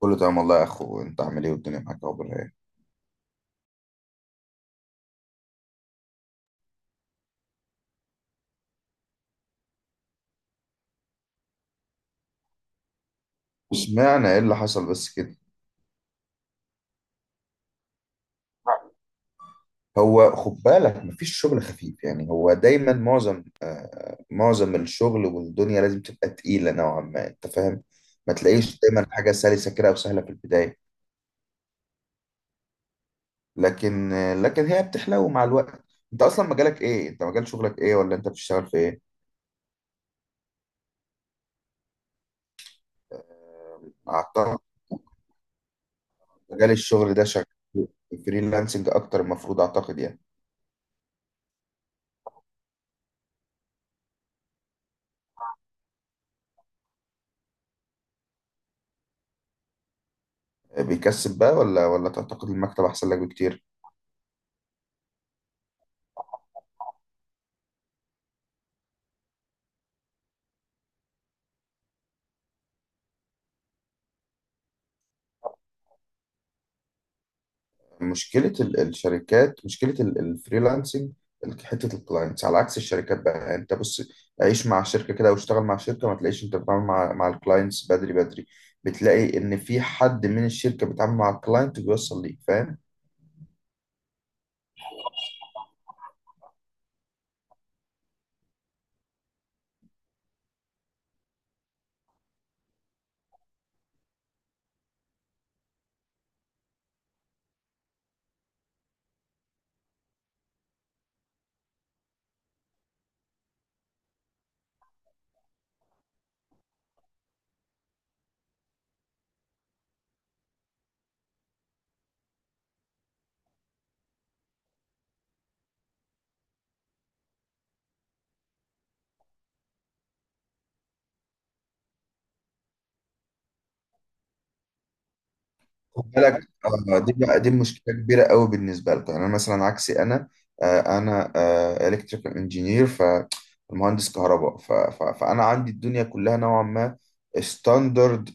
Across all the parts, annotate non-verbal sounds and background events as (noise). كله تمام والله يا اخو، انت عامل ايه؟ والدنيا معاك اخبار ايه؟ وسمعنا ايه اللي حصل بس كده. هو خد بالك، مفيش شغل خفيف يعني. هو دايما معظم معظم الشغل والدنيا لازم تبقى تقيلة نوعا ما، انت فاهم. ما تلاقيش دايما حاجة سلسة كده او سهلة في البداية. لكن لكن هي بتحلو مع الوقت. انت اصلا مجالك ايه؟ انت مجال شغلك ايه؟ ولا انت بتشتغل في ايه؟ آه، اعتقد مجال الشغل ده شغال فريلانسنج اكتر المفروض، اعتقد يعني. بيكسب بقى ولا تعتقد المكتب احسن لك بكتير؟ مشكله الشركات، مشكله الفريلانسنج، حته الكلاينتس على عكس الشركات بقى. يعني انت بص، عيش مع شركه كده واشتغل مع شركه، ما تلاقيش انت بتتعامل مع الكلاينتس بدري بدري. بتلاقي ان في حد من الشركه بيتعامل مع الكلاينت وبيوصل ليك، فاهم. خد بالك، آه، دي بقى دي مشكله كبيره قوي بالنسبه لكم. يعني انا مثلا عكسي، انا الكتريكال انجينير، فمهندس كهرباء، فانا عندي الدنيا كلها نوعا ما ستاندرد.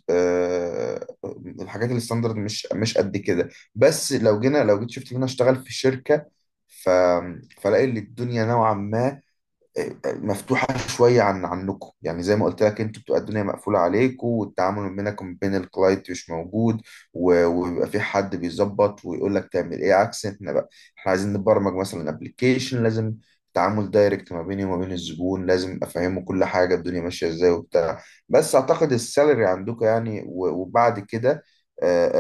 الحاجات الستاندرد مش قد كده. بس لو جينا، لو جيت شفت ان انا اشتغل في شركه، ف فلاقي ان الدنيا نوعا ما مفتوحة شوية عن عنكم. يعني زي ما قلت لك، انت بتبقى الدنيا مقفولة عليكم، والتعامل ما بينك وما بين الكلاينت مش موجود، وبيبقى في حد بيظبط ويقول لك تعمل ايه، عكس احنا بقى. احنا عايزين نبرمج مثلا ابلكيشن، لازم تعامل دايركت ما بيني وما بين الزبون، لازم افهمه كل حاجة، الدنيا ماشية ازاي وبتاع. بس اعتقد السالري عندكم، يعني وبعد كده، آه،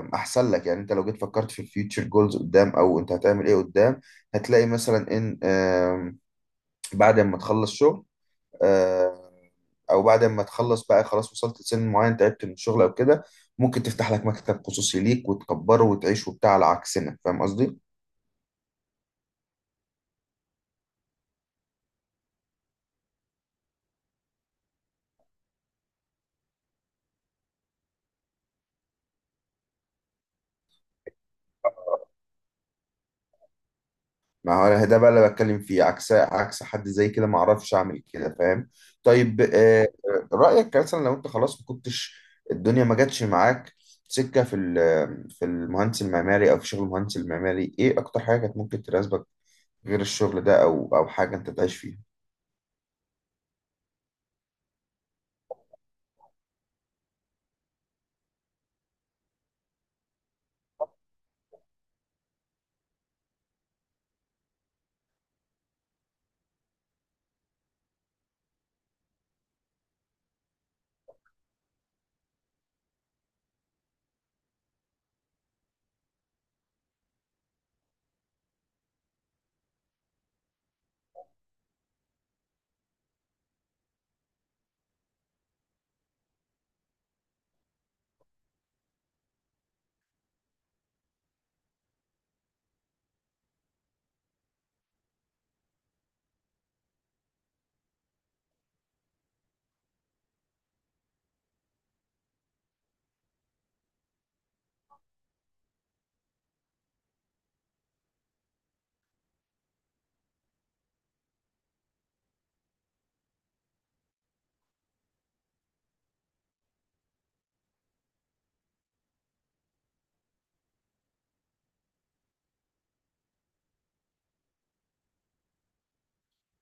احسن لك يعني. انت لو جيت فكرت في الفيوتشر جولز قدام، او انت هتعمل ايه قدام، هتلاقي مثلا ان بعد ما تخلص شغل، آه، او بعد ما تخلص بقى خلاص، وصلت لسن معين، تعبت من الشغل او كده، ممكن تفتح لك مكتب خصوصي ليك وتكبره وتعيش وبتاع، على عكسنا، فاهم قصدي. ما هو ده بقى اللي بتكلم فيه، عكس حد زي كده ما اعرفش اعمل كده، فاهم. طيب، رأيك مثلا لو انت خلاص ما كنتش الدنيا ما جاتش معاك سكة في في المهندس المعماري، او في شغل المهندس المعماري، ايه اكتر حاجة كانت ممكن تناسبك غير الشغل ده، او او حاجة انت تعيش فيها؟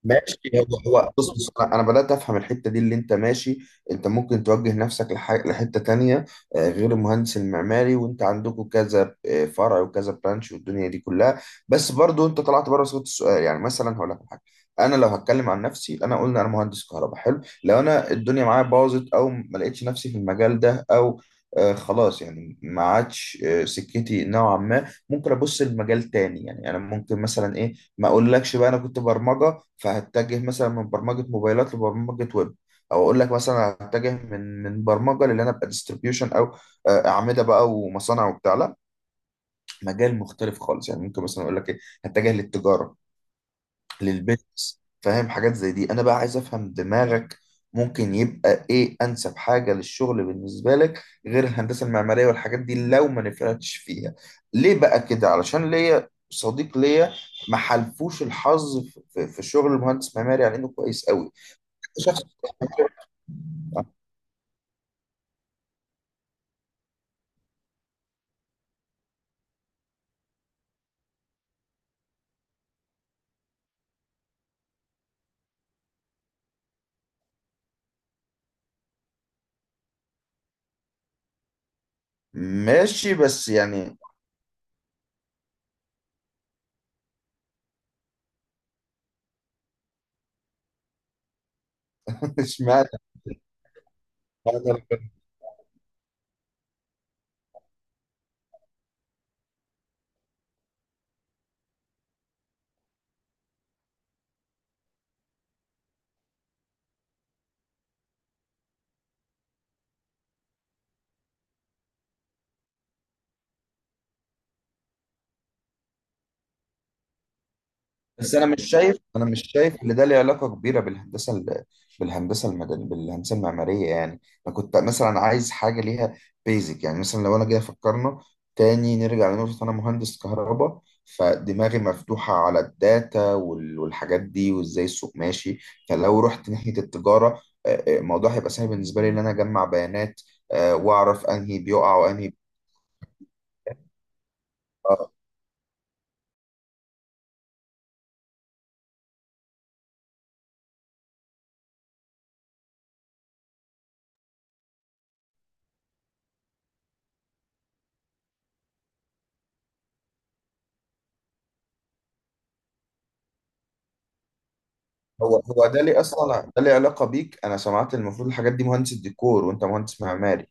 ماشي، هو بص بص، انا بدات افهم الحته دي اللي انت ماشي. انت ممكن توجه نفسك لحته تانية آه، غير المهندس المعماري. وانت عندكم كذا آه، فرع وكذا برانش والدنيا دي كلها. بس برضو انت طلعت بره صوت السؤال. يعني مثلا هقول لك على حاجه، انا لو هتكلم عن نفسي، انا قلنا انا مهندس كهرباء، حلو. لو انا الدنيا معايا باظت او ما لقيتش نفسي في المجال ده، او خلاص يعني ما عادش سكتي نوعا ما، ممكن ابص لمجال تاني. يعني انا ممكن مثلا ايه، ما اقولكش بقى، انا كنت برمجه، فهتجه مثلا من برمجه موبايلات لبرمجه ويب. او اقول لك مثلا هتجه من برمجه، للي انا ابقى ديستريبيوشن، او آه، اعمده بقى ومصانع وبتاع. لا، مجال مختلف خالص. يعني ممكن مثلا اقول لك ايه، هتجه للتجاره، للبيزنس، فاهم. حاجات زي دي انا بقى عايز افهم دماغك. ممكن يبقى ايه انسب حاجه للشغل بالنسبه لك غير الهندسه المعماريه والحاجات دي لو ما نفعتش فيها؟ ليه بقى كده؟ علشان ليا صديق ليا ما حلفوش الحظ في في شغل المهندس المعماري على انه كويس قوي. شخص ماشي. بس يعني (laughs) اشمعنى؟ بس انا مش شايف، ان ده ليه علاقه كبيره بالهندسه بالهندسه المدنيه، بالهندسه المعماريه يعني. انا كنت مثلا عايز حاجه ليها بيزك. يعني مثلا لو انا جاي فكرنا تاني، نرجع لنقطه انا مهندس كهرباء، فدماغي مفتوحه على الداتا والحاجات دي، وازاي السوق ماشي. فلو رحت ناحيه التجاره، الموضوع هيبقى سهل بالنسبه لي، ان انا اجمع بيانات آه، واعرف انهي بيقع وانهي. هو ده ليه اصلا؟ ده ليه علاقه بيك؟ انا سمعت المفروض الحاجات دي مهندس الديكور، وانت مهندس معماري.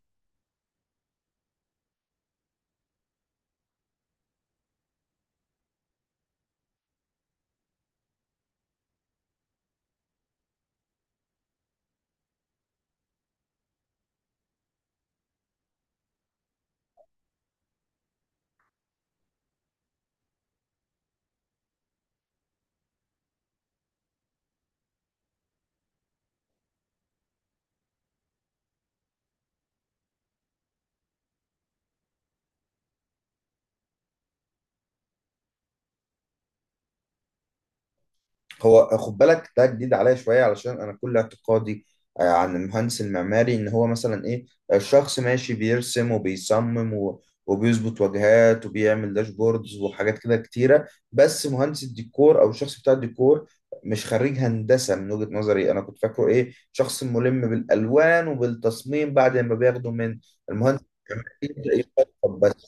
هو خد بالك، ده جديد عليا شويه. علشان انا كل اعتقادي آه، عن المهندس المعماري ان هو مثلا ايه، الشخص ماشي بيرسم وبيصمم وبيظبط واجهات وبيعمل داشبوردز وحاجات كده كتيره. بس مهندس الديكور او الشخص بتاع الديكور، مش خريج هندسه من وجهه نظري. انا كنت فاكره ايه، شخص ملم بالالوان وبالتصميم، بعد ما بياخده من المهندس المعماري يبدأ يخطط.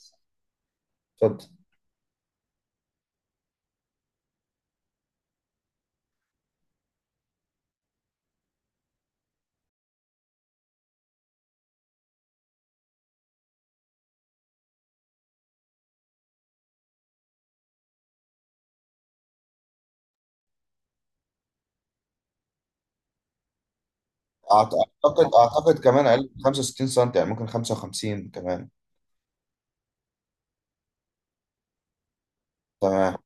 اتفضل. اعتقد، اعتقد كمان اقل من 65 سم، يعني ممكن 55 كمان. تمام.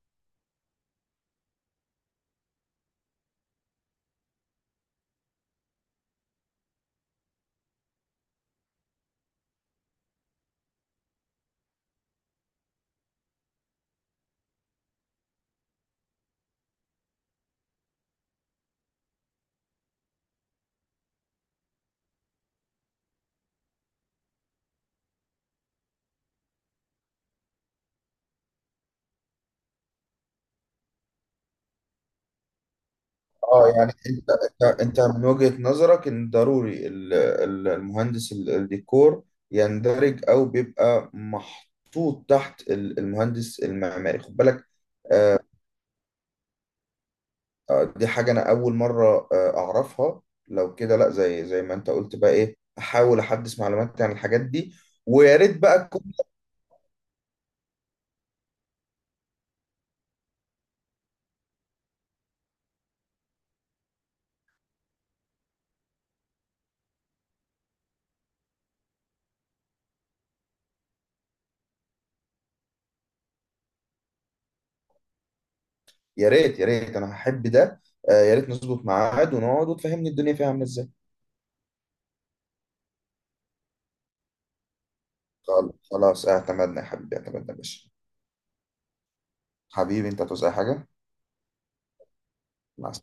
اه يعني انت، انت من وجهة نظرك ان ضروري المهندس الديكور يندرج او بيبقى محطوط تحت المهندس المعماري، خد بالك. آه، آه، دي حاجة انا اول مرة آه، اعرفها. لو كده لا، زي ما انت قلت بقى ايه، احاول احدث معلوماتي عن الحاجات دي. ويا ريت بقى. يا ريت، انا هحب ده. آه، يا ريت نظبط ميعاد ونقعد وتفهمني الدنيا فيها عامله ازاي. خلاص، اعتمدنا يا حبيبي، اعتمدنا يا باشا. حبيبي انت، هتعوز اي حاجه؟ مع